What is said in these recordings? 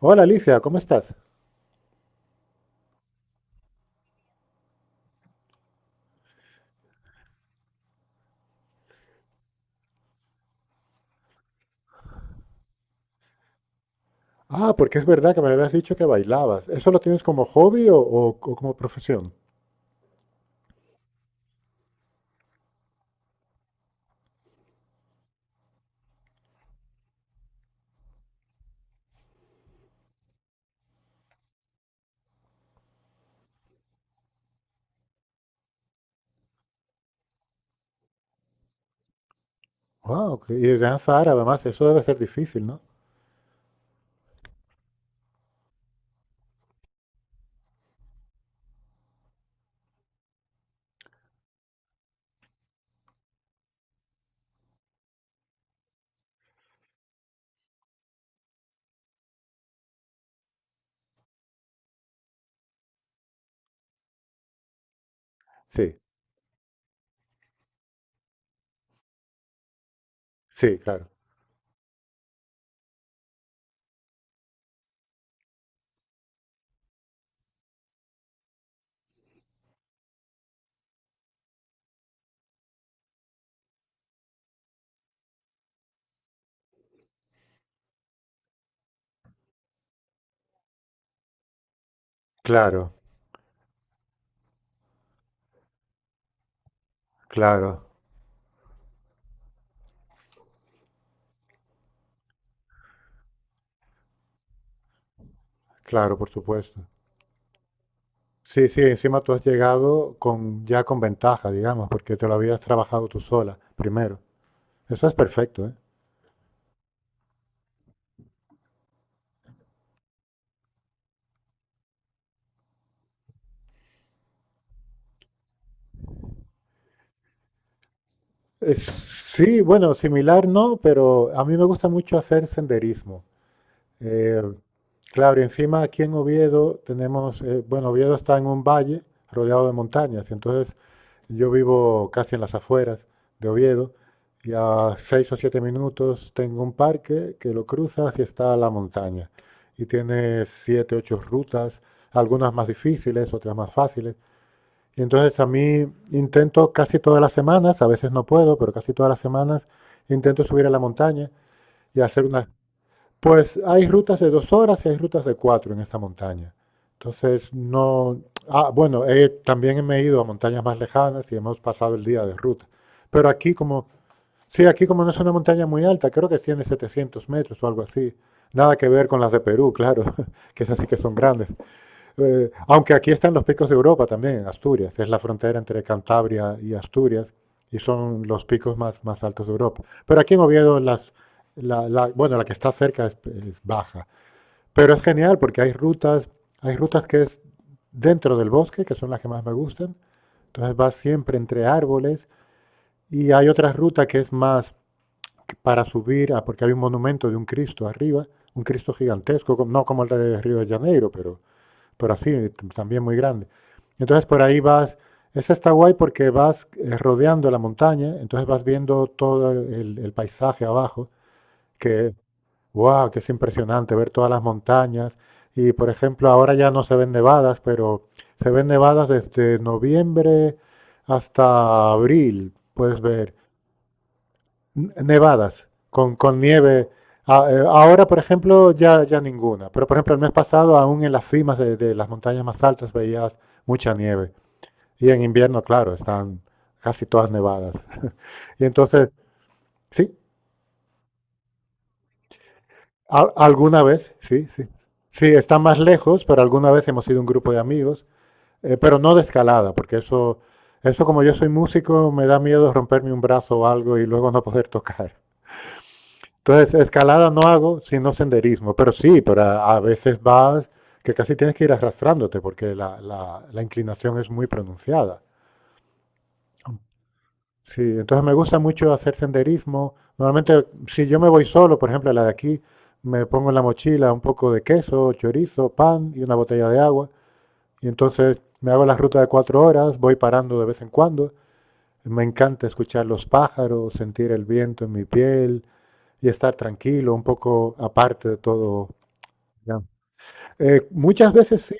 Hola Alicia, ¿cómo estás? Ah, porque es verdad que me habías dicho que bailabas. ¿Eso lo tienes como hobby o como profesión? Wow, y de danza árabe además, eso debe ser difícil, ¿no? Sí, sí, claro. Claro, claro, claro, por supuesto. Sí, sí, encima tú has llegado ya con ventaja, digamos, porque te lo habías trabajado tú sola primero. Eso es perfecto, ¿eh? Sí, bueno, similar no, pero a mí me gusta mucho hacer senderismo. Eh, claro, y encima aquí en Oviedo tenemos, bueno, Oviedo está en un valle rodeado de montañas, y entonces yo vivo casi en las afueras de Oviedo y a seis o siete minutos tengo un parque que lo cruzas y está la montaña. Y tiene siete, ocho rutas, algunas más difíciles, otras más fáciles. Y entonces a mí intento casi todas las semanas, a veces no puedo, pero casi todas las semanas intento subir a la montaña y hacer unas pues hay rutas de dos horas y hay rutas de cuatro en esta montaña. Entonces, no. Ah, bueno, también me he ido a montañas más lejanas y hemos pasado el día de ruta. Pero aquí, como. Sí, aquí, como no es una montaña muy alta, creo que tiene 700 metros o algo así. Nada que ver con las de Perú, claro, que esas sí que son grandes. Aunque aquí están los picos de Europa también, Asturias, es la frontera entre Cantabria y Asturias, y son los picos más altos de Europa. Pero aquí en Oviedo, bueno, la que está cerca es baja. Pero es genial porque hay rutas que es dentro del bosque, que son las que más me gustan. Entonces vas siempre entre árboles y hay otra ruta que es más para subir, porque hay un monumento de un Cristo arriba, un Cristo gigantesco, no como el de Río de Janeiro, pero así, también muy grande. Entonces por ahí vas, esa está guay porque vas rodeando la montaña, entonces vas viendo todo el paisaje abajo, que, wow, que es impresionante ver todas las montañas. Y por ejemplo, ahora ya no se ven nevadas, pero se ven nevadas desde noviembre hasta abril, puedes ver. Nevadas, con nieve. Ahora, por ejemplo, ya ninguna. Pero, por ejemplo, el mes pasado, aún en las cimas de las montañas más altas, veías mucha nieve. Y en invierno, claro, están casi todas nevadas. Y entonces, sí, alguna vez, sí, sí. Sí, están más lejos, pero alguna vez hemos ido un grupo de amigos, pero no de escalada, porque eso, como yo soy músico, me da miedo romperme un brazo o algo y luego no poder tocar. Entonces, escalada no hago, sino senderismo, pero sí, pero a veces vas que casi tienes que ir arrastrándote porque la inclinación es muy pronunciada. Sí, entonces me gusta mucho hacer senderismo. Normalmente, si yo me voy solo, por ejemplo, a la de aquí, me pongo en la mochila un poco de queso, chorizo, pan y una botella de agua. Y entonces me hago la ruta de cuatro horas, voy parando de vez en cuando. Me encanta escuchar los pájaros, sentir el viento en mi piel y estar tranquilo, un poco aparte de todo, ya. Muchas veces sí.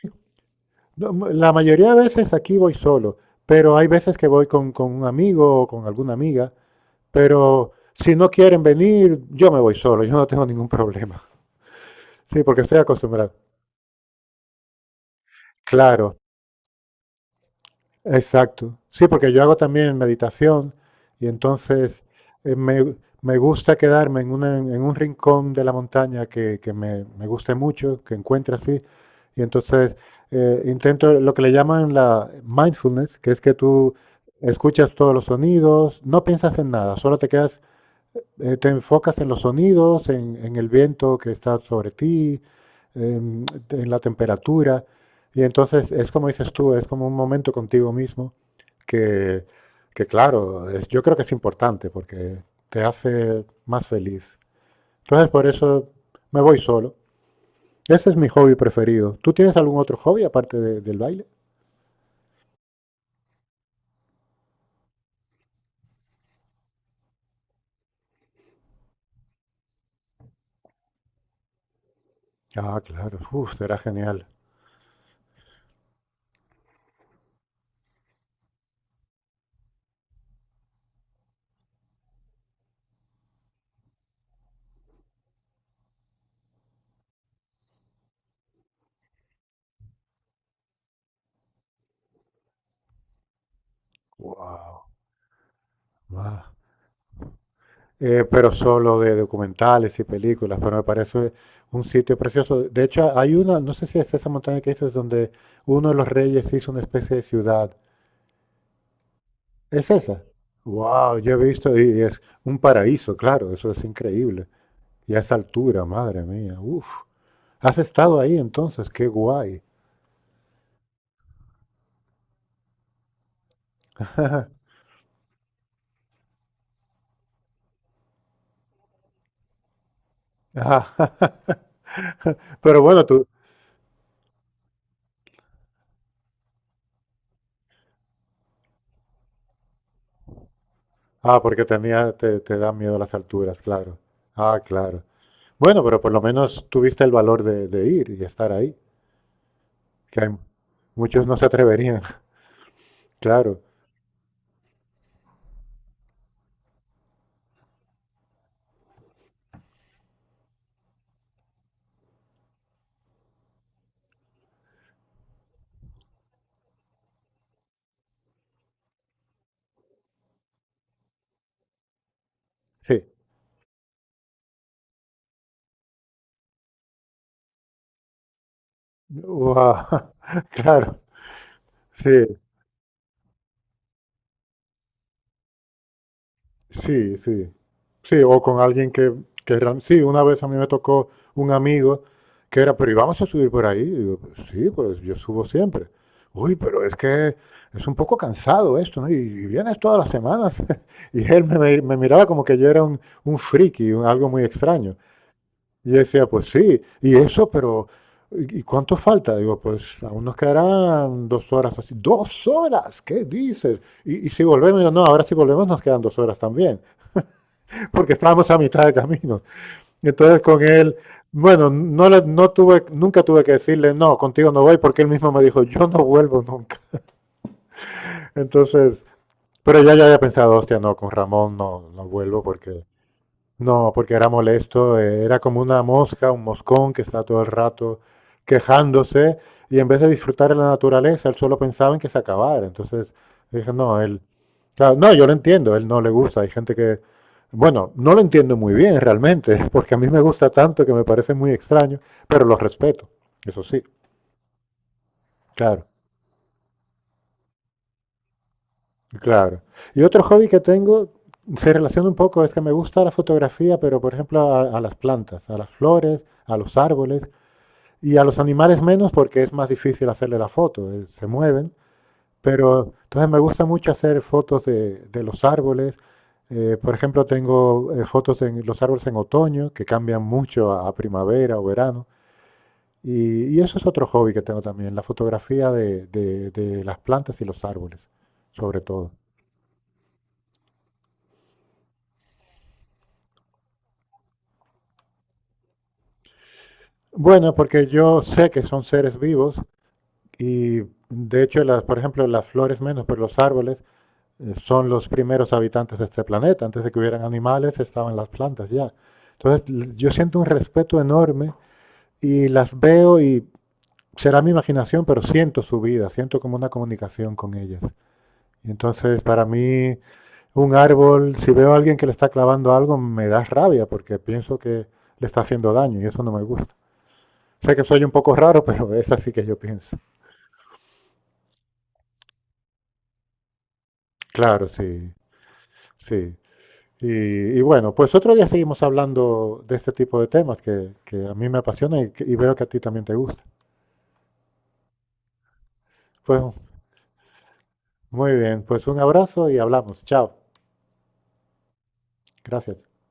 No, la mayoría de veces aquí voy solo, pero hay veces que voy con un amigo o con alguna amiga, pero si no quieren venir, yo me voy solo, yo no tengo ningún problema. Sí, porque estoy acostumbrado. Claro, exacto. Sí, porque yo hago también meditación y entonces eh, me, me gusta quedarme en un rincón de la montaña que me guste mucho, que encuentre así. Y entonces intento lo que le llaman la mindfulness, que es que tú escuchas todos los sonidos, no piensas en nada, solo te quedas, te enfocas en los sonidos, en el viento que está sobre ti, en la temperatura. Y entonces es como dices tú, es como un momento contigo mismo que, que claro, yo creo que es importante porque te hace más feliz. Entonces por eso me voy solo. Ese es mi hobby preferido. ¿Tú tienes algún otro hobby aparte del baile? Ah, claro. Uf, será genial. Wow. Pero solo de documentales y películas, pero me parece un sitio precioso. De hecho, hay una, no sé si es esa montaña que dices, donde uno de los reyes hizo una especie de ciudad. ¿Es esa? Wow, yo he visto y es un paraíso, claro, eso es increíble. Y a esa altura, madre mía, uff. Has estado ahí entonces, qué guay. Ah, pero bueno. Ah, porque te da miedo las alturas, claro. Ah, claro. Bueno, pero por lo menos tuviste el valor de ir y estar ahí, que hay muchos no se atreverían, claro. Sí. Guau, claro, sí. Sí, sí. Sí, o con alguien sí, una vez a mí me tocó un amigo que era, pero ¿y vamos a subir por ahí? Y digo, "Pues sí, pues yo subo siempre. Uy, pero es que es un poco cansado esto, ¿no? Y vienes todas las semanas." Y él me miraba como que yo era un friki, algo muy extraño. Y yo decía, pues sí, y eso, pero ¿y cuánto falta? Digo, pues aún nos quedarán dos horas así. ¿Dos horas? ¿Qué dices? Y si volvemos, no, ahora si volvemos nos quedan dos horas también porque estábamos a mitad de camino. Entonces con él, bueno, no, nunca tuve que decirle, no, contigo no voy, porque él mismo me dijo, yo no vuelvo nunca. Entonces, pero ya había pensado, hostia, no, con Ramón no, no vuelvo porque no, porque era molesto, era como una mosca, un moscón que está todo el rato quejándose y en vez de disfrutar de la naturaleza, él solo pensaba en que se acabara. Entonces dije, no, él, claro, no, yo lo entiendo, él no le gusta, hay gente que, bueno, no lo entiendo muy bien realmente, porque a mí me gusta tanto que me parece muy extraño, pero lo respeto, eso sí, claro, claro. Y otro hobby que tengo se relaciona un poco, es que me gusta la fotografía, pero por ejemplo a las plantas, a las flores, a los árboles. Y a los animales menos porque es más difícil hacerle la foto, se mueven. Pero entonces me gusta mucho hacer fotos de los árboles. Por ejemplo, tengo fotos de los árboles en otoño, que cambian mucho a primavera o verano. Y eso es otro hobby que tengo también, la fotografía de las plantas y los árboles, sobre todo. Bueno, porque yo sé que son seres vivos y de hecho, por ejemplo, las flores menos, pero los árboles son los primeros habitantes de este planeta. Antes de que hubieran animales estaban las plantas ya. Entonces yo siento un respeto enorme y las veo y será mi imaginación, pero siento su vida, siento como una comunicación con ellas. Y entonces para mí un árbol, si veo a alguien que le está clavando algo, me da rabia porque pienso que le está haciendo daño y eso no me gusta. Sé que soy un poco raro, pero es así que yo pienso. Claro, sí, sí. Y, y bueno, pues otro día seguimos hablando de este tipo de temas que a mí me apasiona y veo que a ti también te gusta. Pues muy bien, pues un abrazo y hablamos. Chao. Gracias.